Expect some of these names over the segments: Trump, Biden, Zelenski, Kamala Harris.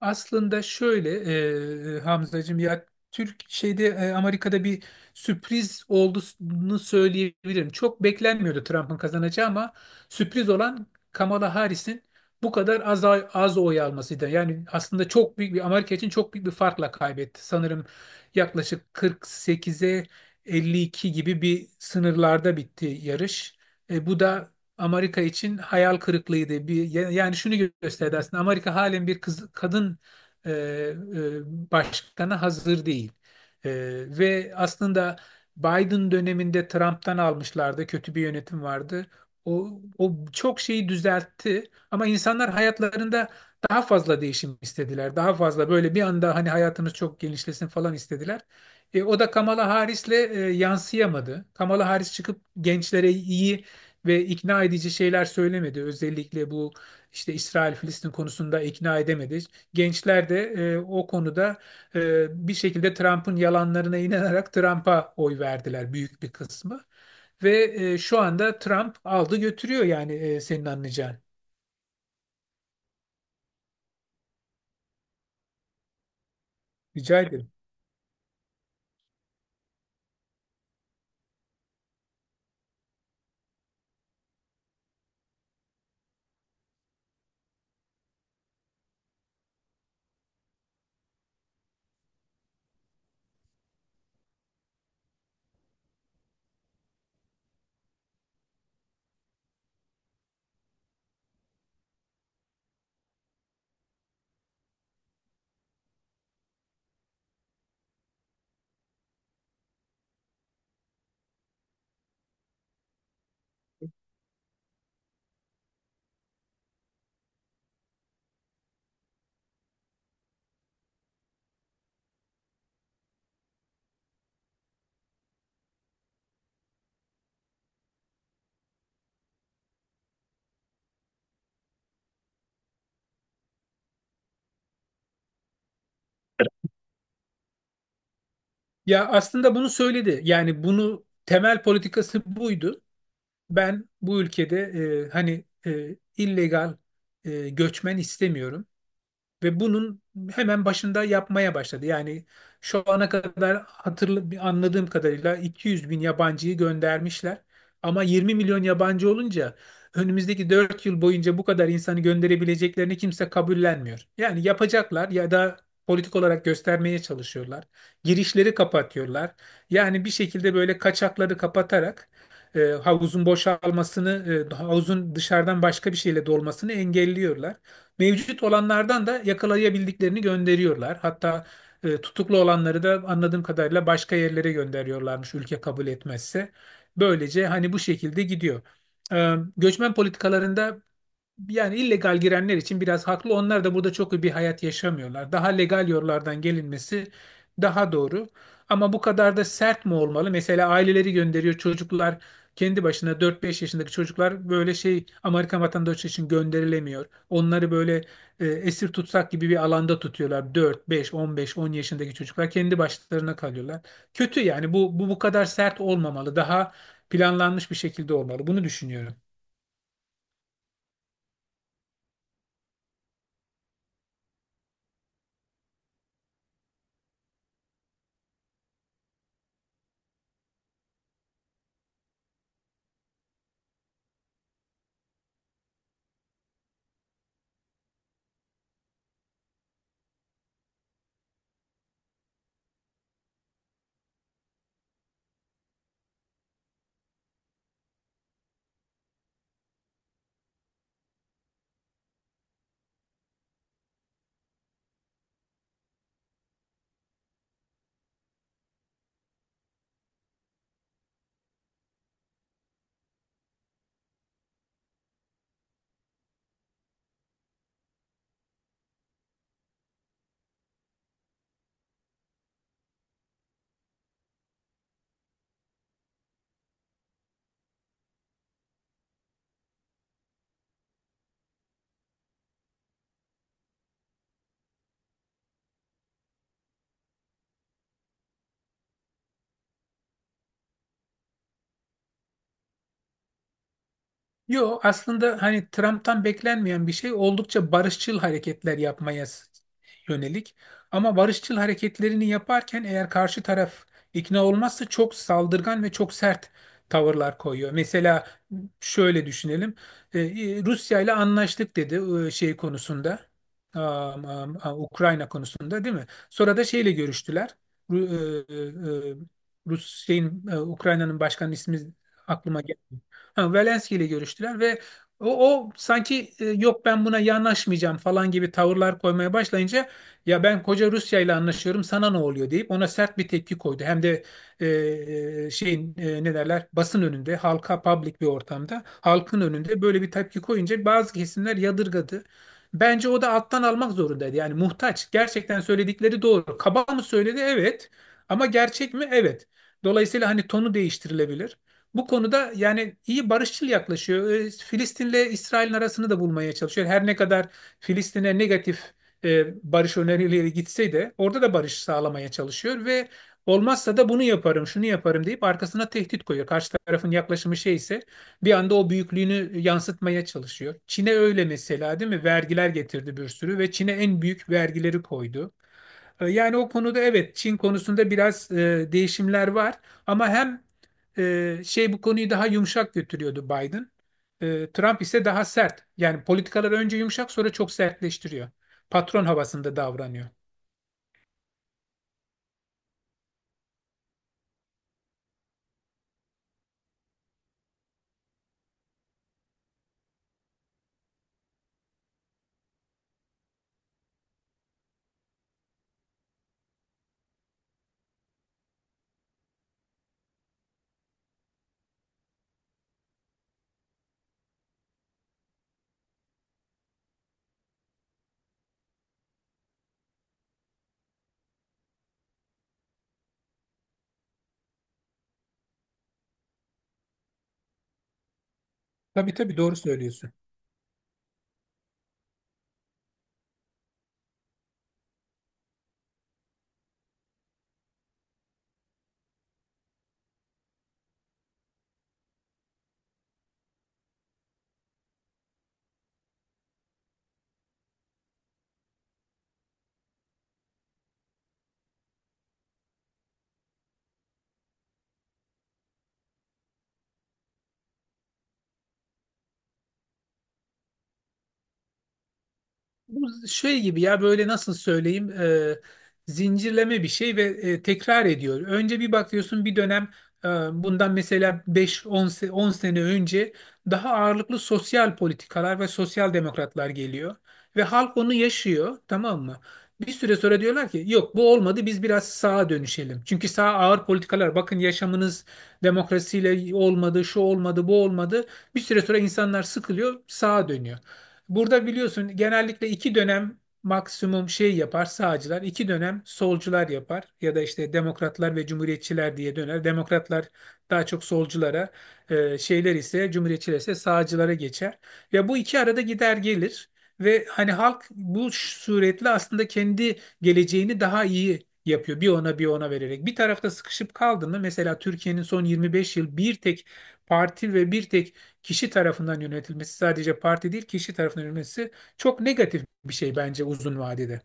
Aslında şöyle Hamzacığım ya Türk şeyde Amerika'da bir sürpriz olduğunu söyleyebilirim. Çok beklenmiyordu Trump'ın kazanacağı ama sürpriz olan Kamala Harris'in bu kadar az oy almasıydı. Yani aslında çok büyük bir Amerika için çok büyük bir farkla kaybetti. Sanırım yaklaşık 48'e 52 gibi bir sınırlarda bitti yarış. Bu da Amerika için hayal kırıklığıydı. Bir, yani şunu gösterdi aslında Amerika halen bir kız, kadın e, e, başkana hazır değil. E, Ve aslında Biden döneminde Trump'tan almışlardı. Kötü bir yönetim vardı. O çok şeyi düzeltti ama insanlar hayatlarında daha fazla değişim istediler. Daha fazla böyle bir anda hani hayatımız çok genişlesin falan istediler. O da Kamala Harris'le yansıyamadı. Kamala Harris çıkıp gençlere iyi ve ikna edici şeyler söylemedi. Özellikle bu işte İsrail-Filistin konusunda ikna edemedi. Gençler de o konuda bir şekilde Trump'ın yalanlarına inanarak Trump'a oy verdiler büyük bir kısmı. Ve şu anda Trump aldı götürüyor yani senin anlayacağın. Rica ederim. Ya aslında bunu söyledi. Yani bunu temel politikası buydu. Ben bu ülkede hani illegal göçmen istemiyorum. Ve bunun hemen başında yapmaya başladı. Yani şu ana kadar anladığım kadarıyla 200 bin yabancıyı göndermişler. Ama 20 milyon yabancı olunca önümüzdeki 4 yıl boyunca bu kadar insanı gönderebileceklerini kimse kabullenmiyor. Yani yapacaklar ya da politik olarak göstermeye çalışıyorlar. Girişleri kapatıyorlar. Yani bir şekilde böyle kaçakları kapatarak havuzun boşalmasını, havuzun dışarıdan başka bir şeyle dolmasını engelliyorlar. Mevcut olanlardan da yakalayabildiklerini gönderiyorlar. Hatta tutuklu olanları da anladığım kadarıyla başka yerlere gönderiyorlarmış ülke kabul etmezse. Böylece hani bu şekilde gidiyor. Göçmen politikalarında yani illegal girenler için biraz haklı. Onlar da burada çok iyi bir hayat yaşamıyorlar. Daha legal yollardan gelinmesi daha doğru. Ama bu kadar da sert mi olmalı? Mesela aileleri gönderiyor çocuklar kendi başına 4-5 yaşındaki çocuklar böyle şey Amerikan vatandaşı için gönderilemiyor. Onları böyle esir tutsak gibi bir alanda tutuyorlar. Dört beş 15 10 yaşındaki çocuklar kendi başlarına kalıyorlar. Kötü yani bu kadar sert olmamalı. Daha planlanmış bir şekilde olmalı. Bunu düşünüyorum. Yo aslında hani Trump'tan beklenmeyen bir şey oldukça barışçıl hareketler yapmaya yönelik. Ama barışçıl hareketlerini yaparken eğer karşı taraf ikna olmazsa çok saldırgan ve çok sert tavırlar koyuyor. Mesela şöyle düşünelim. Rusya ile anlaştık dedi şey konusunda. Ukrayna konusunda değil mi? Sonra da şeyle görüştüler. Ru- e, e, e, Rus şeyin Ukrayna'nın başkanının ismi aklıma geldi. Ha, Zelenski ile görüştüler ve o sanki yok ben buna yanaşmayacağım falan gibi tavırlar koymaya başlayınca ya ben koca Rusya ile anlaşıyorum sana ne oluyor deyip ona sert bir tepki koydu. Hem de e, şeyin ne derler basın önünde halka public bir ortamda halkın önünde böyle bir tepki koyunca bazı kesimler yadırgadı. Bence o da alttan almak zorundaydı yani muhtaç gerçekten söyledikleri doğru. Kaba mı söyledi evet ama gerçek mi evet. Dolayısıyla hani tonu değiştirilebilir. Bu konuda yani iyi barışçıl yaklaşıyor. Filistin'le İsrail'in arasını da bulmaya çalışıyor. Her ne kadar Filistin'e negatif e, barış önerileri gitse de orada da barış sağlamaya çalışıyor ve olmazsa da bunu yaparım, şunu yaparım deyip arkasına tehdit koyuyor. Karşı tarafın yaklaşımı şey ise bir anda o büyüklüğünü yansıtmaya çalışıyor. Çin'e öyle mesela değil mi? Vergiler getirdi bir sürü ve Çin'e en büyük vergileri koydu. Yani o konuda evet Çin konusunda biraz değişimler var ama hem şey bu konuyu daha yumuşak götürüyordu Biden. Trump ise daha sert. Yani politikalar önce yumuşak sonra çok sertleştiriyor. Patron havasında davranıyor. Tabii tabii doğru söylüyorsun. Bu şey gibi ya böyle nasıl söyleyeyim zincirleme bir şey ve tekrar ediyor. Önce bir bakıyorsun bir dönem e, bundan mesela 10 sene önce daha ağırlıklı sosyal politikalar ve sosyal demokratlar geliyor. Ve halk onu yaşıyor tamam mı? Bir süre sonra diyorlar ki yok bu olmadı biz biraz sağa dönüşelim. Çünkü sağ ağır politikalar bakın yaşamınız demokrasiyle olmadı şu olmadı bu olmadı. Bir süre sonra insanlar sıkılıyor sağa dönüyor. Burada biliyorsun genellikle iki dönem maksimum şey yapar sağcılar, iki dönem solcular yapar ya da işte demokratlar ve cumhuriyetçiler diye döner. Demokratlar daha çok solculara, şeyler ise cumhuriyetçiler ise sağcılara geçer. Ve bu iki arada gider gelir ve hani halk bu suretle aslında kendi geleceğini daha iyi yapıyor. Bir ona bir ona vererek. Bir tarafta sıkışıp kaldı mı mesela Türkiye'nin son 25 yıl bir tek parti ve bir tek kişi tarafından yönetilmesi sadece parti değil kişi tarafından yönetilmesi çok negatif bir şey bence uzun vadede.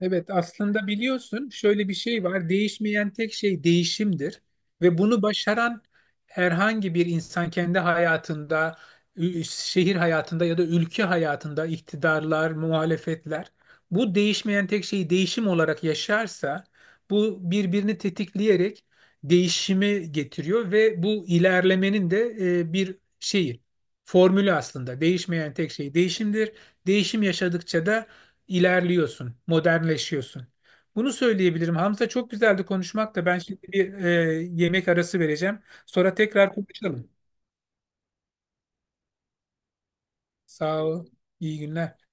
Evet aslında biliyorsun şöyle bir şey var. Değişmeyen tek şey değişimdir. Ve bunu başaran herhangi bir insan kendi hayatında, şehir hayatında ya da ülke hayatında iktidarlar, muhalefetler bu değişmeyen tek şeyi değişim olarak yaşarsa bu birbirini tetikleyerek değişimi getiriyor ve bu ilerlemenin de bir şeyi, formülü aslında. Değişmeyen tek şey değişimdir. Değişim yaşadıkça da ilerliyorsun, modernleşiyorsun. Bunu söyleyebilirim. Hamza çok güzeldi konuşmak da ben şimdi bir yemek arası vereceğim. Sonra tekrar konuşalım. Sağ ol. İyi günler.